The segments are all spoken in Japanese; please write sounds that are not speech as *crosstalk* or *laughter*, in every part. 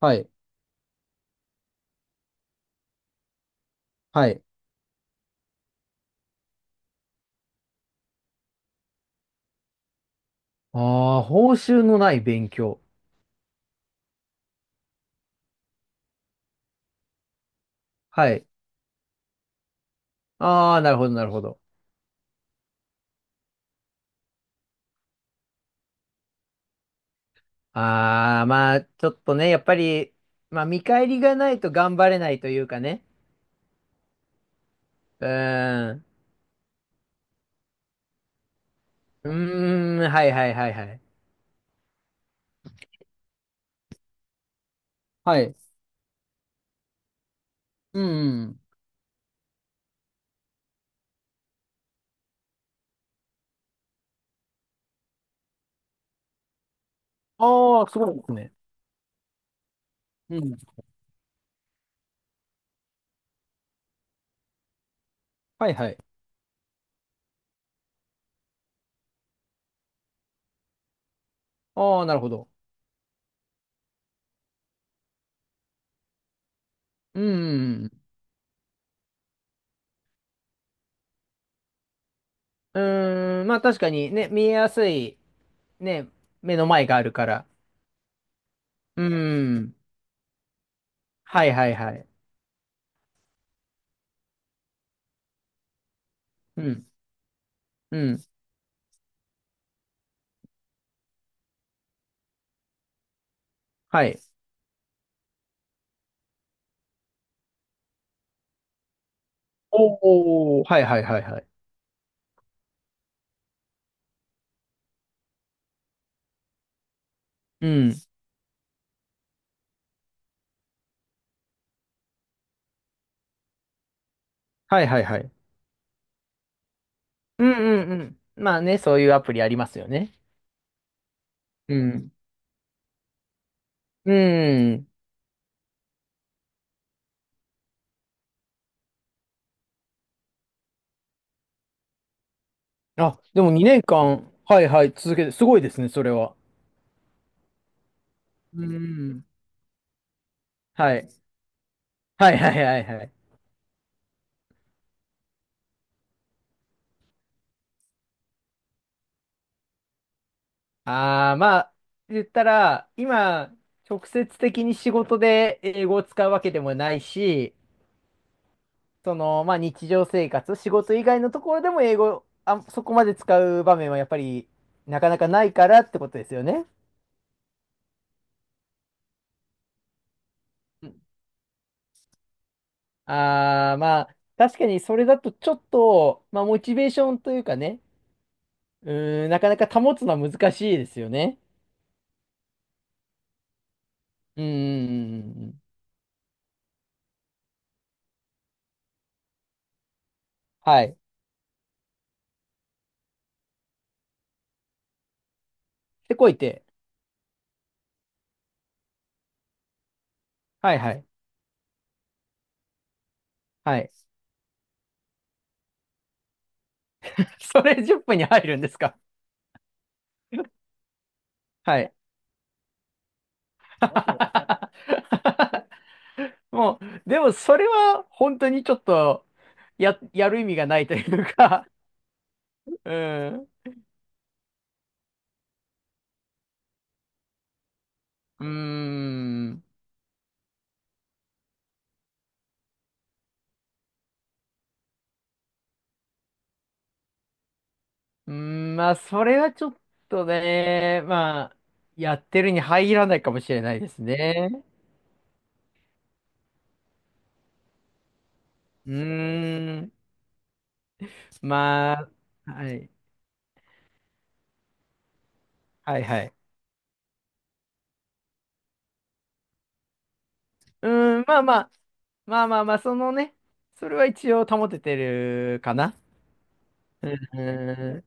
はい。はい。ああ、報酬のない勉強。はい。ああ、なるほど、なるほど。ああ、まあ、ちょっとね、やっぱり、まあ、見返りがないと頑張れないというかね。うーん。うーん、はいはいはいはい。はい。うん。ああ、すごいですね。うん。はいはい。ああ、なるほど。うん。うーん、まあ確かにね、見えやすい、ね、目の前があるから。うーん、はいはいはい。うん、うん、はい。おお、はいはいはいはい。うん。はいはいはい。うんうんうん。まあね、そういうアプリありますよね。うん。うん。あ、でも2年間、はいはい、続けて、すごいですね、それは。うん。はい。はいはいはいはい。ああ、まあ、言ったら、今、直接的に仕事で英語を使うわけでもないし、その、まあ日常生活、仕事以外のところでも英語、あ、そこまで使う場面はやっぱり、なかなかないからってことですよね。ああ、まあ、確かにそれだとちょっと、まあ、モチベーションというかね、うーん、なかなか保つのは難しいですよね。うーん、はい。で、こいて。はいはい。はい。*laughs* それ10分に入るんですか？はい。*laughs* もう、でもそれは本当にちょっと、やる意味がないというか、うん。うーん。うーん、まあ、それはちょっとね、まあ、やってるに入らないかもしれないですね。うーん、まあ、はい。はいはい。うーん、まあまあ、まあまあまあ、そのね、それは一応保ててるかな。うーん、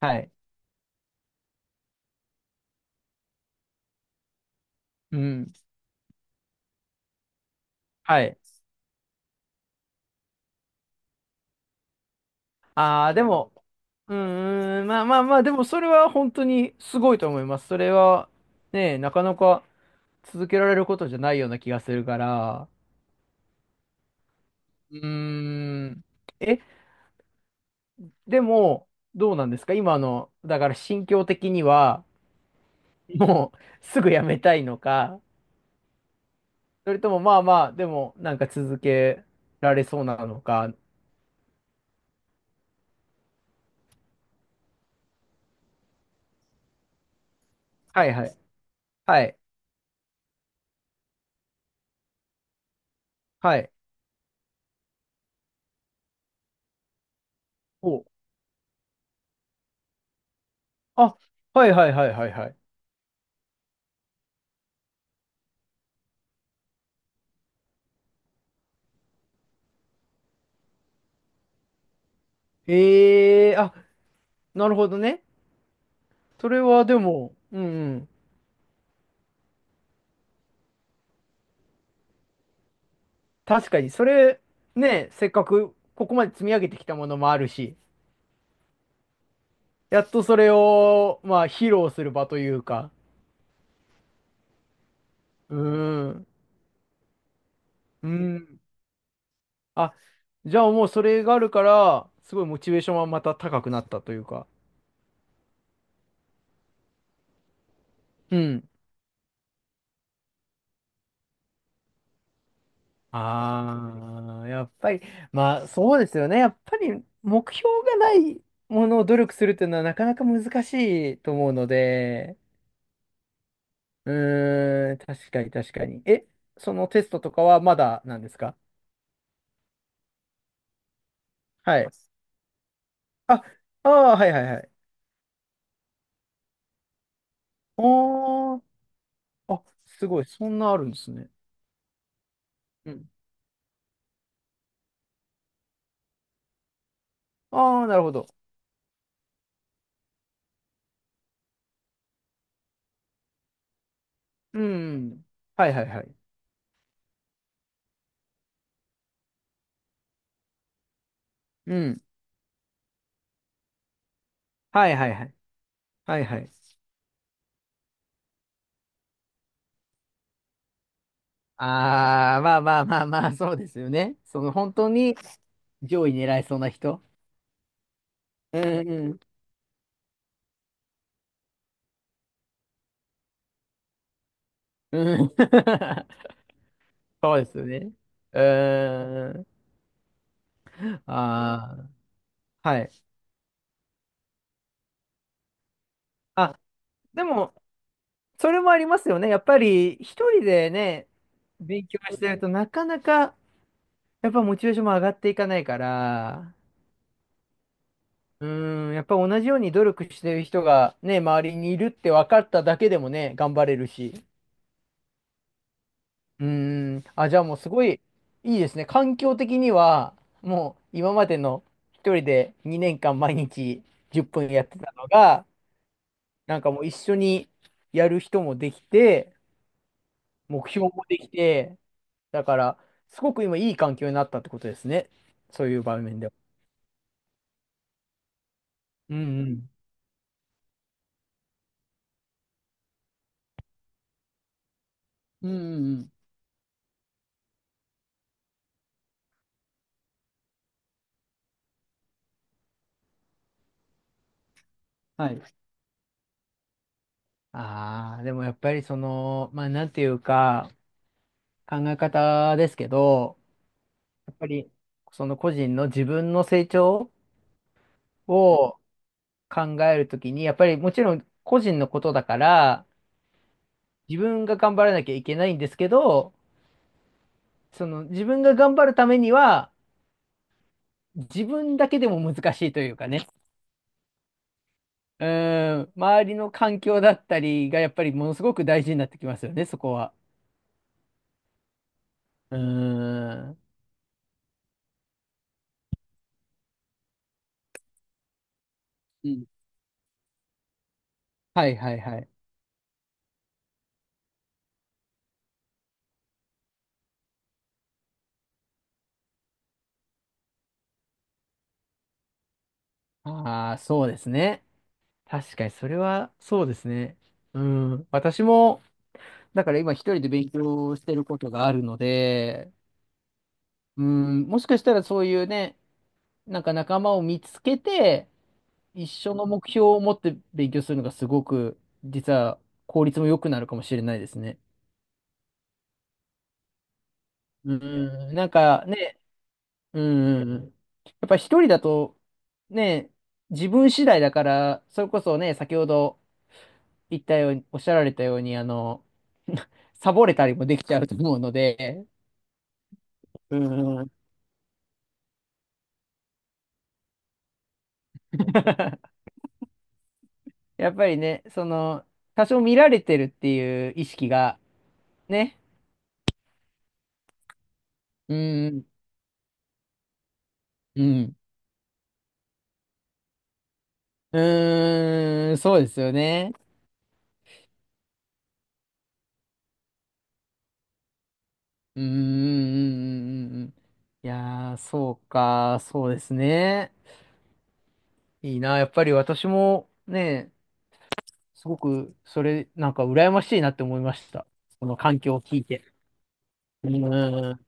はい。うん、はい。ああ、でも、うーん、まあまあまあ、でもそれは本当にすごいと思います。それは、ね、なかなか続けられることじゃないような気がするから。うーん。え、でも、どうなんですか今の、だから心境的には、もうすぐやめたいのか、それともまあまあ、でもなんか続けられそうなのか。はいはい。はい。はい。お。あ、はいはいはいはいはい。ええー、あ、なるほどね。それはでも、うんうん。確かに、それ、ね、せっかくここまで積み上げてきたものもあるし、やっとそれを、まあ、披露する場というか、うん。うん。あ、じゃあもうそれがあるから、すごいモチベーションはまた高くなったというか。うん。ああ、やっぱり、まあそうですよね。やっぱり目標がないものを努力するっていうのはなかなか難しいと思うので、うーん、確かに確かに。え、そのテストとかはまだなんですか？はい。あ、ああ、はいはいはい。おー、あ、すごい、そんなあるんですね。うん。ああ、なるほど。うん。はいはいはい。うん。はいはいはい。はいはい。ああ、まあまあまあまあ、そうですよね。その本当に上位狙いそうな人。うんうん。うん。*laughs* そうですよね。うーん。ああ、はい。あ、でも、それもありますよね。やっぱり一人でね、勉強してるとなかなか、やっぱモチベーションも上がっていかないから、うーん、やっぱ同じように努力してる人がね、周りにいるって分かっただけでもね、頑張れるし。うーん。あ、じゃあもうすごいいいですね。環境的には、もう今までの一人で2年間毎日10分やってたのが、なんかもう一緒にやる人もできて、目標もできて、だから、すごく今いい環境になったってことですね。そういう場面では。うんうん。うんうんうん。はい。ああ、でもやっぱりその、まあなんていうか、考え方ですけど、やっぱりその個人の自分の成長を考えるときに、やっぱりもちろん個人のことだから、自分が頑張らなきゃいけないんですけど、その自分が頑張るためには、自分だけでも難しいというかね、うーん、周りの環境だったりがやっぱりものすごく大事になってきますよね、そこは。うーん。うんはいはいはい。ああ、そうですね。確かにそれはそうですね。うん。私も、だから今一人で勉強してることがあるので、うん、もしかしたらそういうね、なんか仲間を見つけて、一緒の目標を持って勉強するのがすごく、実は効率も良くなるかもしれないですね。うんうん、なんかね、うんうんうん、やっぱ一人だと、ね、自分次第だから、それこそね、先ほど言ったように、おっしゃられたように、*laughs* サボれたりもできちゃうと思うので、うん *laughs* やっぱりね、その、多少見られてるっていう意識が、ね、うんうん、うん。うーん、そうですよね。うーん、うんうんうんうんいやー、そうか、そうですね。いいな、やっぱり私もね、すごく、それ、なんか羨ましいなって思いました。この環境を聞いて。うーん。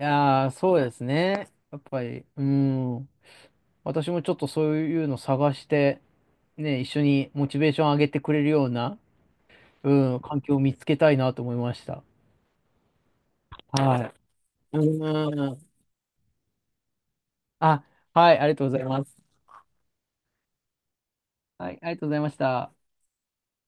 いやー、そうですね。やっぱり、うーん。私もちょっとそういうの探して、ね、一緒にモチベーション上げてくれるような、うん、環境を見つけたいなと思いました。はい。うーん。あ、はい、ありがとうございます。はい、ありがとうございました。